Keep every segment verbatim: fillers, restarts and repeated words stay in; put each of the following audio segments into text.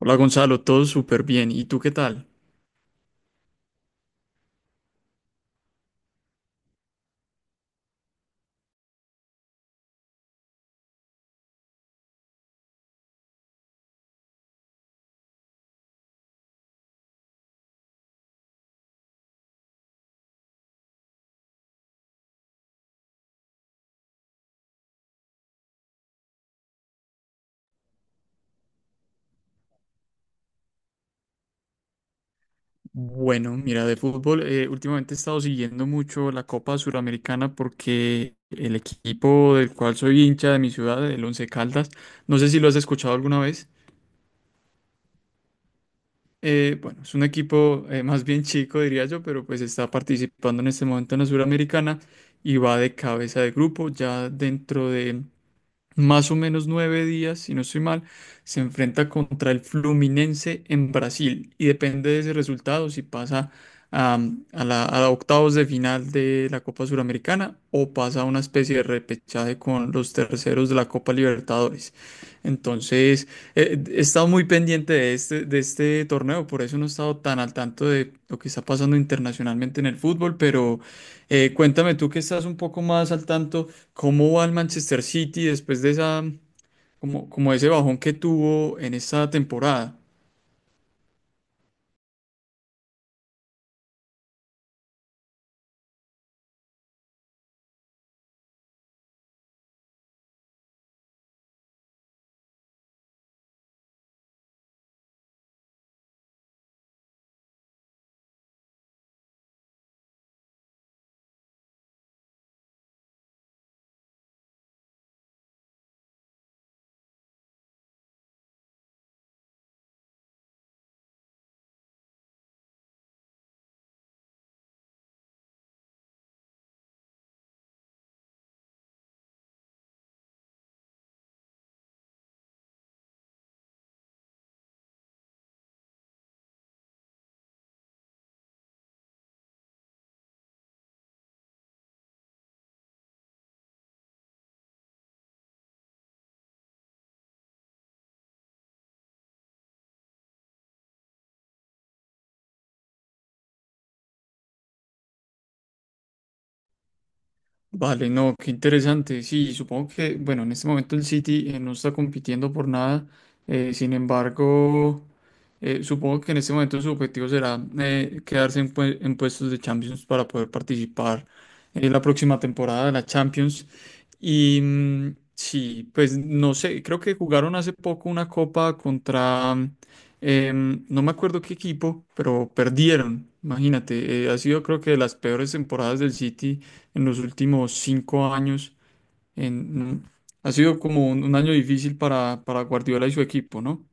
Hola Gonzalo, todo súper bien. ¿Y tú qué tal? Bueno, mira, de fútbol, eh, últimamente he estado siguiendo mucho la Copa Suramericana porque el equipo del cual soy hincha de mi ciudad, el Once Caldas, no sé si lo has escuchado alguna vez. Eh, bueno, es un equipo eh, más bien chico, diría yo, pero pues está participando en este momento en la Suramericana y va de cabeza de grupo. Ya dentro de más o menos nueve días, si no estoy mal, se enfrenta contra el Fluminense en Brasil y depende de ese resultado si pasa am, a, la, a octavos de final de la Copa Suramericana o pasa a una especie de repechaje con los terceros de la Copa Libertadores. Entonces, eh, he estado muy pendiente de este, de este torneo, por eso no he estado tan al tanto de lo que está pasando internacionalmente en el fútbol, pero eh, cuéntame tú que estás un poco más al tanto. ¿Cómo va el Manchester City después de esa, como, como ese bajón que tuvo en esta temporada? Vale, no, qué interesante. Sí, supongo que, bueno, en este momento el City eh, no está compitiendo por nada. Eh, sin embargo, eh, supongo que en este momento su objetivo será eh, quedarse en, pue- en puestos de Champions para poder participar en la próxima temporada de la Champions. Y mm, sí, pues no sé, creo que jugaron hace poco una copa contra, em, no me acuerdo qué equipo, pero perdieron. Imagínate, eh, ha sido creo que de las peores temporadas del City en los últimos cinco años. En, Ha sido como un, un año difícil para, para Guardiola y su equipo, ¿no?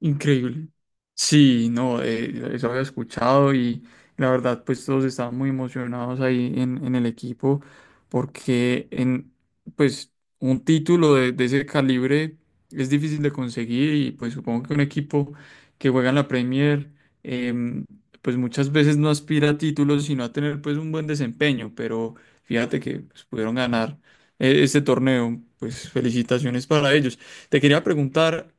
Increíble. Sí, no, eh, eso había escuchado y la verdad, pues todos estaban muy emocionados ahí en, en el equipo porque en, pues, un título de, de ese calibre es difícil de conseguir y pues supongo que un equipo que juega en la Premier, em, pues muchas veces no aspira a títulos sino a tener pues un buen desempeño, pero fíjate que pues, pudieron ganar eh, este torneo, pues felicitaciones para ellos. Te quería preguntar,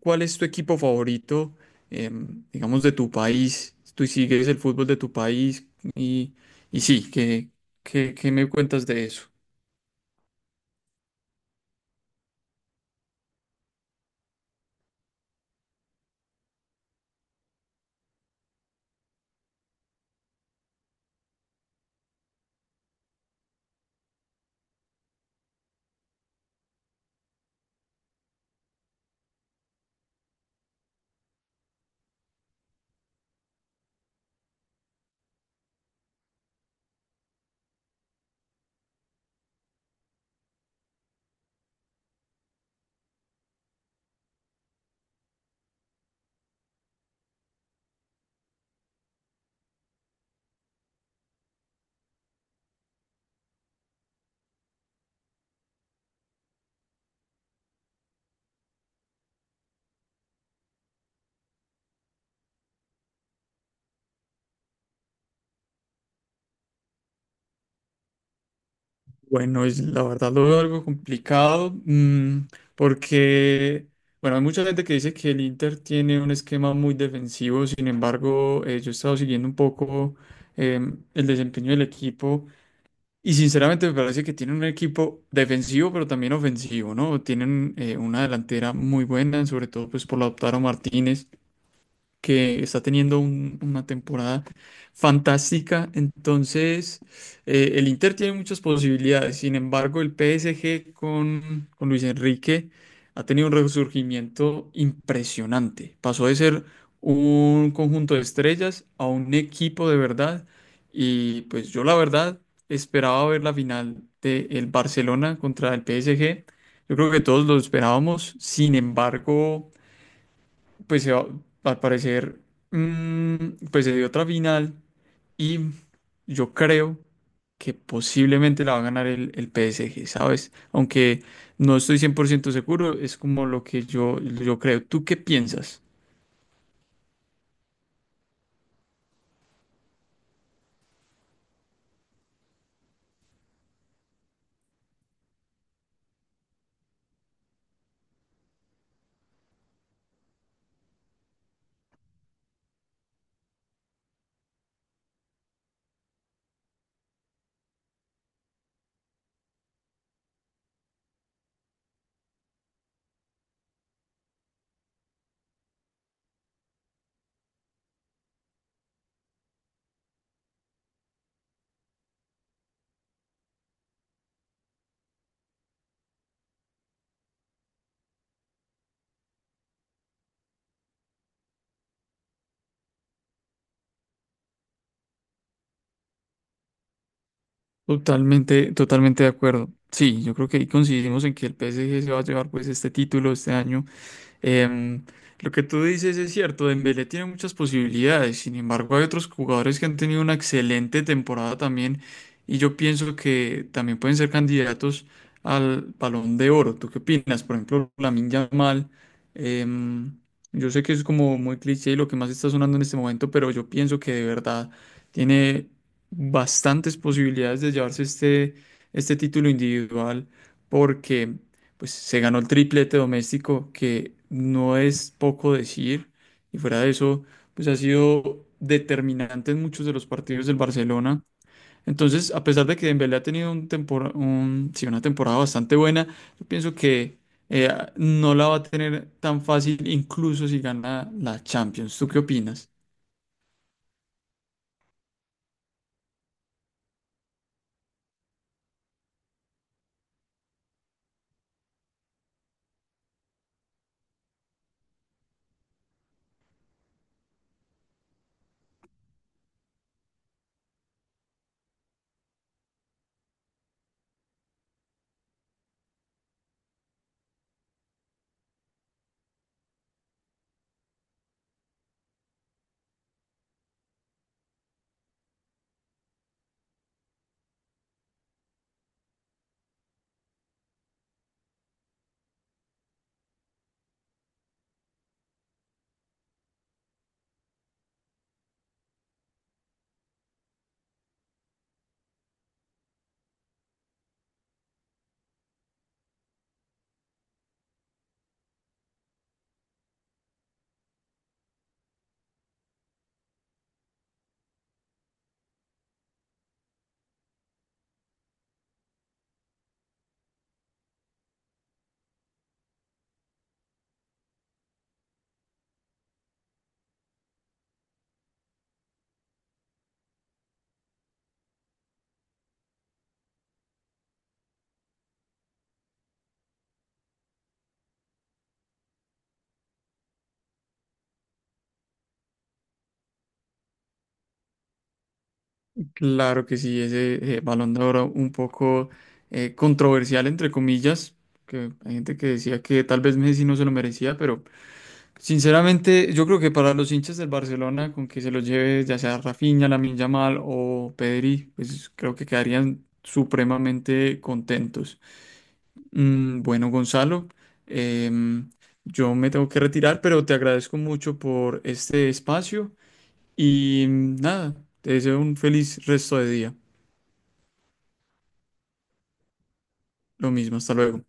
¿cuál es tu equipo favorito, em, digamos, de tu país? ¿Tú sigues el fútbol de tu país? Y, y sí, ¿qué, qué, qué me cuentas de eso? Bueno, es, la verdad lo veo algo complicado, mm, porque, bueno, hay mucha gente que dice que el Inter tiene un esquema muy defensivo, sin embargo, eh, yo he estado siguiendo un poco em, el desempeño del equipo. Y sinceramente me parece que tienen un equipo defensivo, pero también ofensivo, ¿no? Tienen eh, una delantera muy buena, sobre todo pues por la Lautaro Martínez que está teniendo un- una temporada fantástica. Entonces, eh, el Inter tiene muchas posibilidades. Sin embargo, el P S G con, con Luis Enrique ha tenido un resurgimiento impresionante. Pasó de ser un conjunto de estrellas a un equipo de verdad. Y pues yo la verdad esperaba ver la final del Barcelona contra el P S G. Yo creo que todos lo esperábamos. Sin embargo pues se va, al parecer, mm, pues se dio otra final y yo creo que posiblemente la va a ganar el, el P S G, ¿sabes? Aunque no estoy cien por ciento seguro, es como lo que yo, yo creo. ¿Tú qué piensas? Totalmente, totalmente de acuerdo. Sí, yo creo que ahí coincidimos en que el P S G se va a llevar pues este título este año. Em, lo que tú dices es cierto, Dembélé tiene muchas posibilidades, sin embargo hay otros jugadores que han tenido una excelente temporada también y yo pienso que también pueden ser candidatos al Balón de Oro. ¿Tú qué opinas? Por ejemplo, Lamine Yamal, em, yo sé que es como muy cliché y lo que más está sonando en este momento, pero yo pienso que de verdad tiene bastantes posibilidades de llevarse este, este título individual porque pues se ganó el triplete doméstico, que no es poco decir, y fuera de eso, pues ha sido determinante en muchos de los partidos del Barcelona. Entonces, a pesar de que Dembélé ha tenido un tempora- un- sí, una temporada bastante buena, yo pienso que eh, no la va a tener tan fácil, incluso si gana la Champions. ¿Tú qué opinas? Claro que sí, ese eh, Balón de Oro un poco eh, controversial, entre comillas, que hay gente que decía que tal vez Messi no se lo merecía, pero sinceramente, yo creo que para los hinchas del Barcelona, con que se los lleve ya sea Rafinha, Lamine Yamal o Pedri, pues creo que quedarían supremamente contentos. Mm, bueno, Gonzalo, em, yo me tengo que retirar, pero te agradezco mucho por este espacio y mm, nada, te deseo un feliz resto de día. Lo mismo, hasta luego.